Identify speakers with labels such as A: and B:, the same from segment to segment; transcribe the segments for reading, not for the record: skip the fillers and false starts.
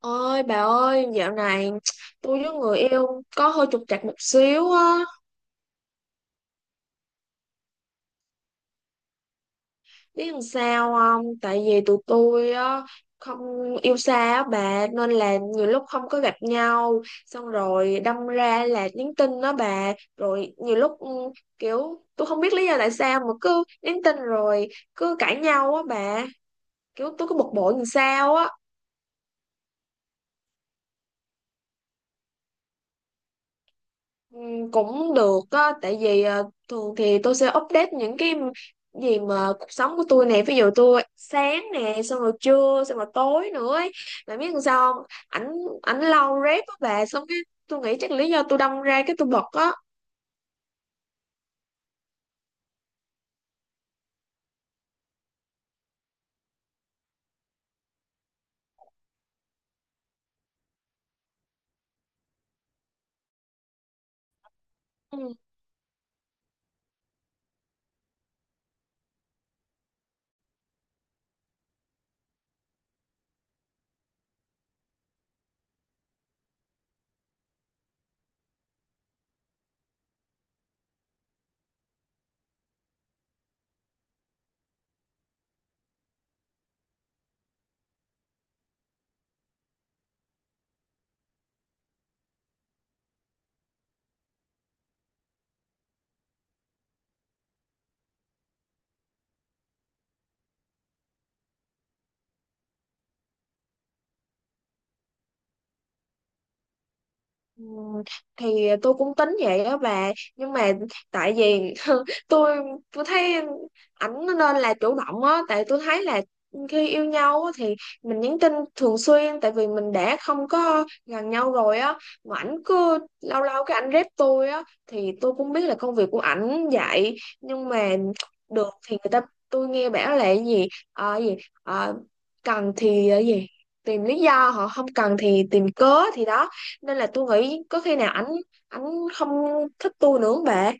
A: Ôi bà ơi, dạo này tôi với người yêu có hơi trục trặc một xíu á, biết làm sao không? Tại vì tụi tôi á không yêu xa á bà, nên là nhiều lúc không có gặp nhau, xong rồi đâm ra là nhắn tin đó bà, rồi nhiều lúc kiểu tôi không biết lý do tại sao mà cứ nhắn tin rồi cứ cãi nhau á bà, kiểu tôi cứ bực bội làm sao á. Ừ, cũng được á, tại vì thường thì tôi sẽ update những cái gì mà cuộc sống của tôi nè, ví dụ tôi sáng nè xong rồi trưa xong rồi tối nữa ấy. Mà biết làm sao không, ảnh ảnh lâu rep á bà, xong cái tôi nghĩ chắc lý do tôi đâm ra cái tôi bật á ừ. Ừ, thì tôi cũng tính vậy đó bà, nhưng mà tại vì tôi tôi thấy ảnh nên là chủ động á, tại tôi thấy là khi yêu nhau á, thì mình nhắn tin thường xuyên, tại vì mình đã không có gần nhau rồi á, mà ảnh cứ lâu lâu cái ảnh rep tôi á, thì tôi cũng biết là công việc của ảnh vậy. Nhưng mà được thì người ta, tôi nghe bảo là cái gì ờ, gì Ờ, cần thì ờ, gì tìm lý do, họ không cần thì tìm cớ, thì đó, nên là tôi nghĩ có khi nào ảnh ảnh không thích tôi nữa không bà?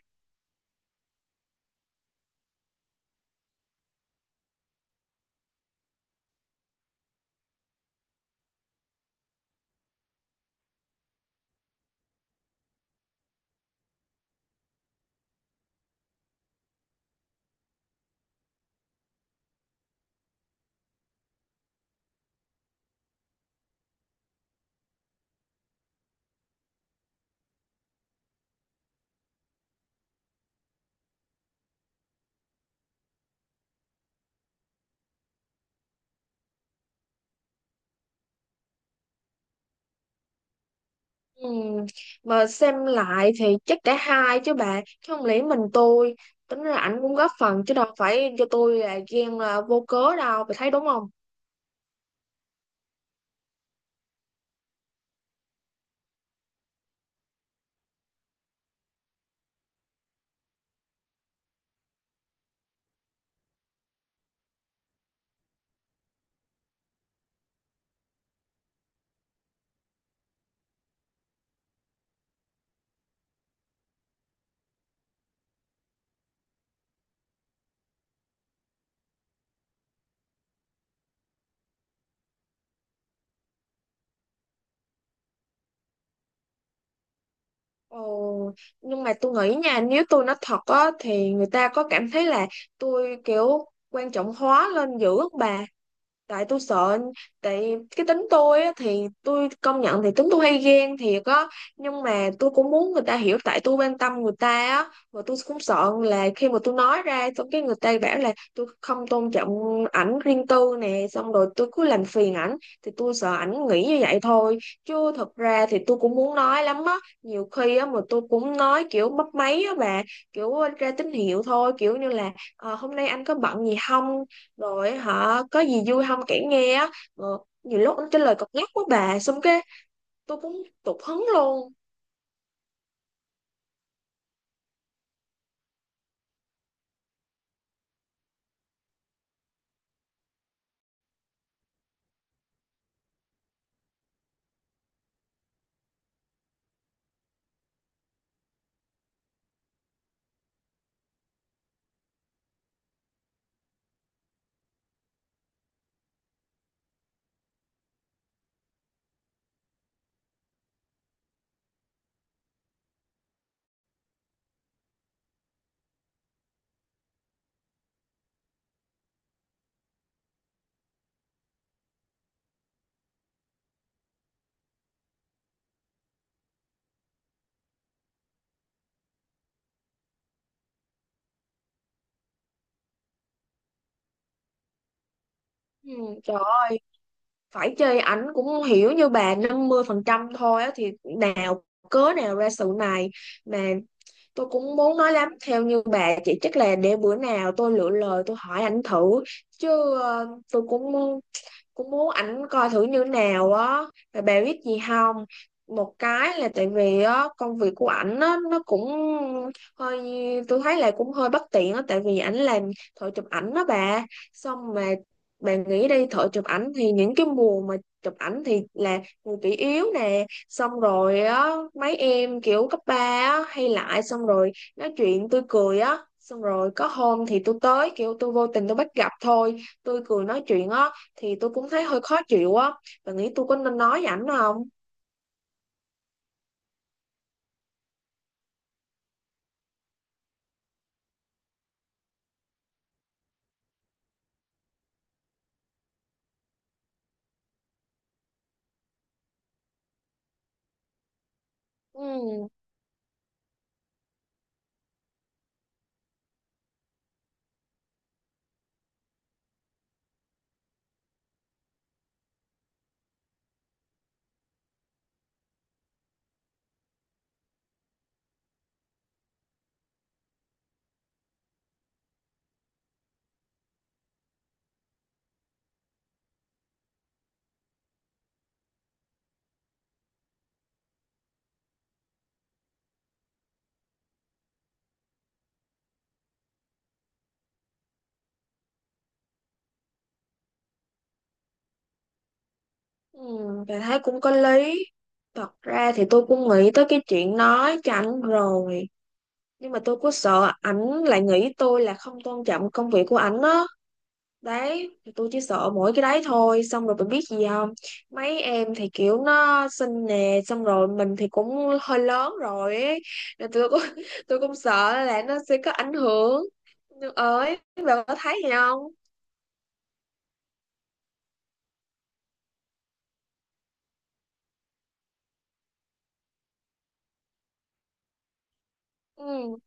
A: Ừm, mà xem lại thì chắc cả hai chứ bà, chứ không lẽ mình tôi, tính là ảnh cũng góp phần chứ đâu phải cho tôi là ghen là vô cớ đâu, bà thấy đúng không? Ồ, nhưng mà tôi nghĩ nha, nếu tôi nói thật á thì người ta có cảm thấy là tôi kiểu quan trọng hóa lên dữ không bà? Tại tôi sợ, tại cái tính tôi á, thì tôi công nhận thì tính tôi hay ghen thiệt á, nhưng mà tôi cũng muốn người ta hiểu tại tôi quan tâm người ta á. Và tôi cũng sợ là khi mà tôi nói ra xong cái người ta bảo là tôi không tôn trọng ảnh, riêng tư nè, xong rồi tôi cứ làm phiền ảnh, thì tôi sợ ảnh nghĩ như vậy thôi, chứ thật ra thì tôi cũng muốn nói lắm á. Nhiều khi á mà tôi cũng nói kiểu bấp máy á bà, kiểu ra tín hiệu thôi, kiểu như là "Ờ, hôm nay anh có bận gì không, rồi hả, có gì vui không kể nghe á. Ờ, nhiều lúc anh trả lời cọc nhắc quá bà, xong cái tôi cũng tụt hứng luôn. Ừ, trời ơi, phải chơi ảnh cũng hiểu như bà 50% thôi á, thì nào cớ nào ra sự này. Mà tôi cũng muốn nói lắm, theo như bà, chỉ chắc là để bữa nào tôi lựa lời tôi hỏi ảnh thử. Chứ tôi cũng cũng muốn ảnh coi thử như nào á, rồi bà biết gì không, một cái là tại vì á công việc của ảnh á nó cũng hơi, tôi thấy là cũng hơi bất tiện á, tại vì ảnh làm thợ chụp ảnh đó bà, xong mà bà nghĩ đi, thợ chụp ảnh thì những cái mùa mà chụp ảnh thì là người kỷ yếu nè, xong rồi á mấy em kiểu cấp ba á hay lại, xong rồi nói chuyện tôi cười á, xong rồi có hôm thì tôi tới kiểu tôi vô tình tôi bắt gặp thôi, tôi cười nói chuyện á, thì tôi cũng thấy hơi khó chịu á. Bạn nghĩ tôi có nên nói với ảnh không? ừ, ừ, Bạn thấy cũng có lý. Thật ra thì tôi cũng nghĩ tới cái chuyện nói cho ảnh rồi, nhưng mà tôi cứ sợ ảnh lại nghĩ tôi là không tôn trọng công việc của ảnh á, đấy thì tôi chỉ sợ mỗi cái đấy thôi. Xong rồi bạn biết gì không, mấy em thì kiểu nó xinh nè, xong rồi mình thì cũng hơi lớn rồi ấy. Nên tôi cũng tôi cũng sợ là nó sẽ có ảnh hưởng, nhưng ơi, bạn có thấy gì không? Ừ.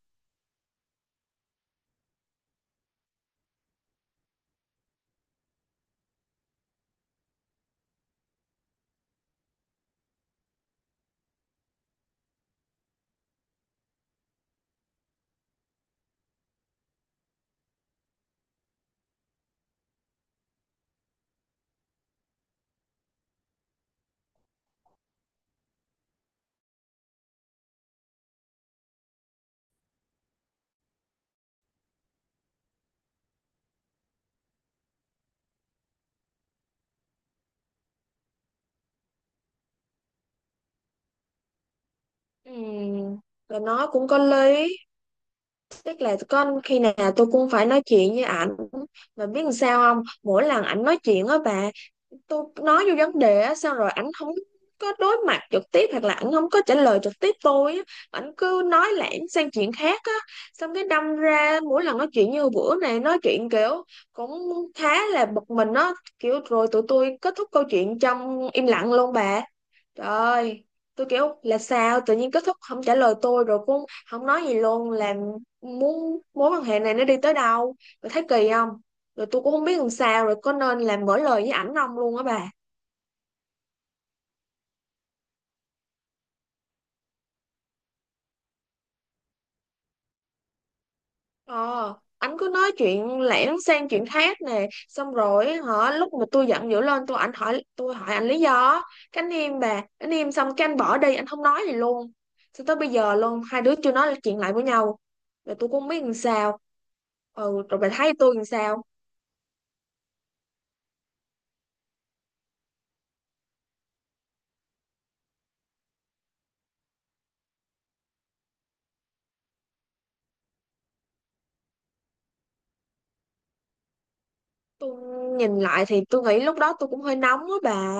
A: Ừ. Và nó cũng có lý, tức là con khi nào tôi cũng phải nói chuyện với ảnh. Mà biết làm sao không, mỗi lần ảnh nói chuyện á bà, tôi nói vô vấn đề á, xong rồi ảnh không có đối mặt trực tiếp, hoặc là ảnh không có trả lời trực tiếp tôi á, ảnh cứ nói lảng sang chuyện khác á, xong cái đâm ra mỗi lần nói chuyện như bữa này nói chuyện kiểu cũng khá là bực mình á, kiểu rồi tụi tôi kết thúc câu chuyện trong im lặng luôn bà. Trời, tôi kiểu là sao tự nhiên kết thúc không trả lời tôi rồi cũng không nói gì luôn, là muốn mối quan hệ này nó đi tới đâu, rồi thấy kỳ không, rồi tôi cũng không biết làm sao, rồi có nên là mở lời với ảnh không luôn á bà? Ờ, anh cứ nói chuyện lẻn sang chuyện khác nè, xong rồi hả, lúc mà tôi giận dữ lên tôi anh hỏi, tôi hỏi anh lý do á. Cái anh im bà, anh im xong cái anh bỏ đi, anh không nói gì luôn, cho tới bây giờ luôn hai đứa chưa nói chuyện lại với nhau, rồi tôi cũng không biết làm sao. Ừ, rồi bà thấy tôi làm sao, tôi nhìn lại thì tôi nghĩ lúc đó tôi cũng hơi nóng á bà,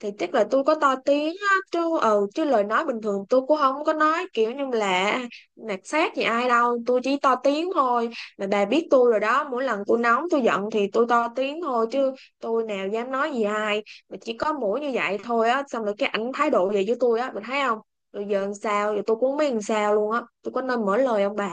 A: thì chắc là tôi có to tiếng á, chứ ừ chứ lời nói bình thường tôi cũng không có nói kiểu như là nạt sát gì ai đâu, tôi chỉ to tiếng thôi. Mà bà biết tôi rồi đó, mỗi lần tôi nóng tôi giận thì tôi to tiếng thôi chứ tôi nào dám nói gì ai. Mà chỉ có mỗi như vậy thôi á, xong rồi cái ảnh thái độ về với tôi á, mình thấy không, rồi giờ làm sao, giờ tôi cũng không biết làm sao luôn á, tôi có nên mở lời không bà?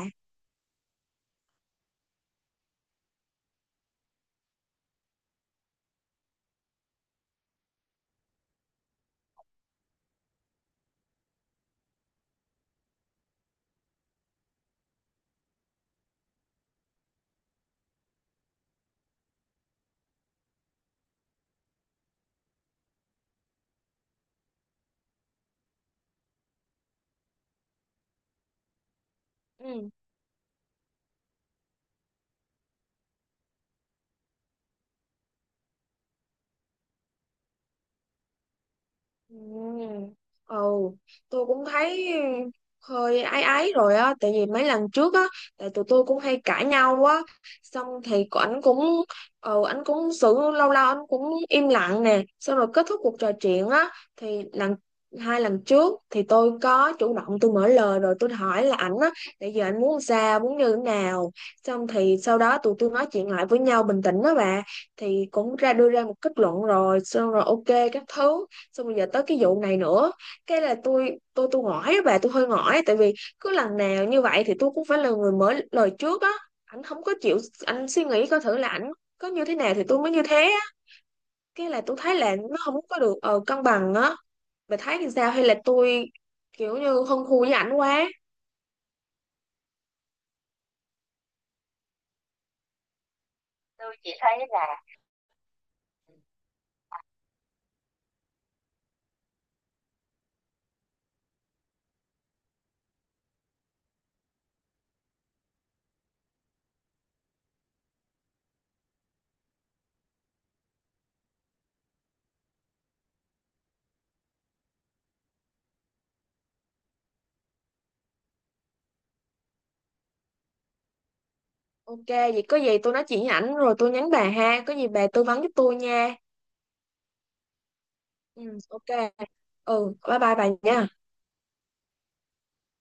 A: Ừ. Ừ. Ừ, tôi cũng thấy hơi áy áy rồi á, tại vì mấy lần trước á, tại tụi tôi cũng hay cãi nhau á, xong thì ảnh cũng ảnh cũng xử lâu lâu ảnh cũng im lặng nè, xong rồi kết thúc cuộc trò chuyện á, thì hai lần trước thì tôi có chủ động tôi mở lời rồi tôi hỏi là ảnh á, tại giờ ảnh muốn sao, muốn như thế nào. Xong thì sau đó tụi tôi nói chuyện lại với nhau bình tĩnh đó bà, thì cũng ra đưa ra một kết luận rồi, xong rồi ok các thứ. Xong rồi giờ tới cái vụ này nữa, cái là tôi ngỏi á bà, tôi hơi ngỏi tại vì cứ lần nào như vậy thì tôi cũng phải là người mở lời trước á, ảnh không có chịu, anh suy nghĩ coi thử là ảnh có như thế nào thì tôi mới như thế á. Cái là tôi thấy là nó không có được cân bằng á, bà thấy thì sao, hay là tôi kiểu như hơn thua với ảnh quá? Ok, vậy có gì tôi nói chuyện với ảnh rồi tôi nhắn bà ha, có gì bà tư vấn giúp tôi nha. Ừ, ok. Ừ, bye bye bà nha.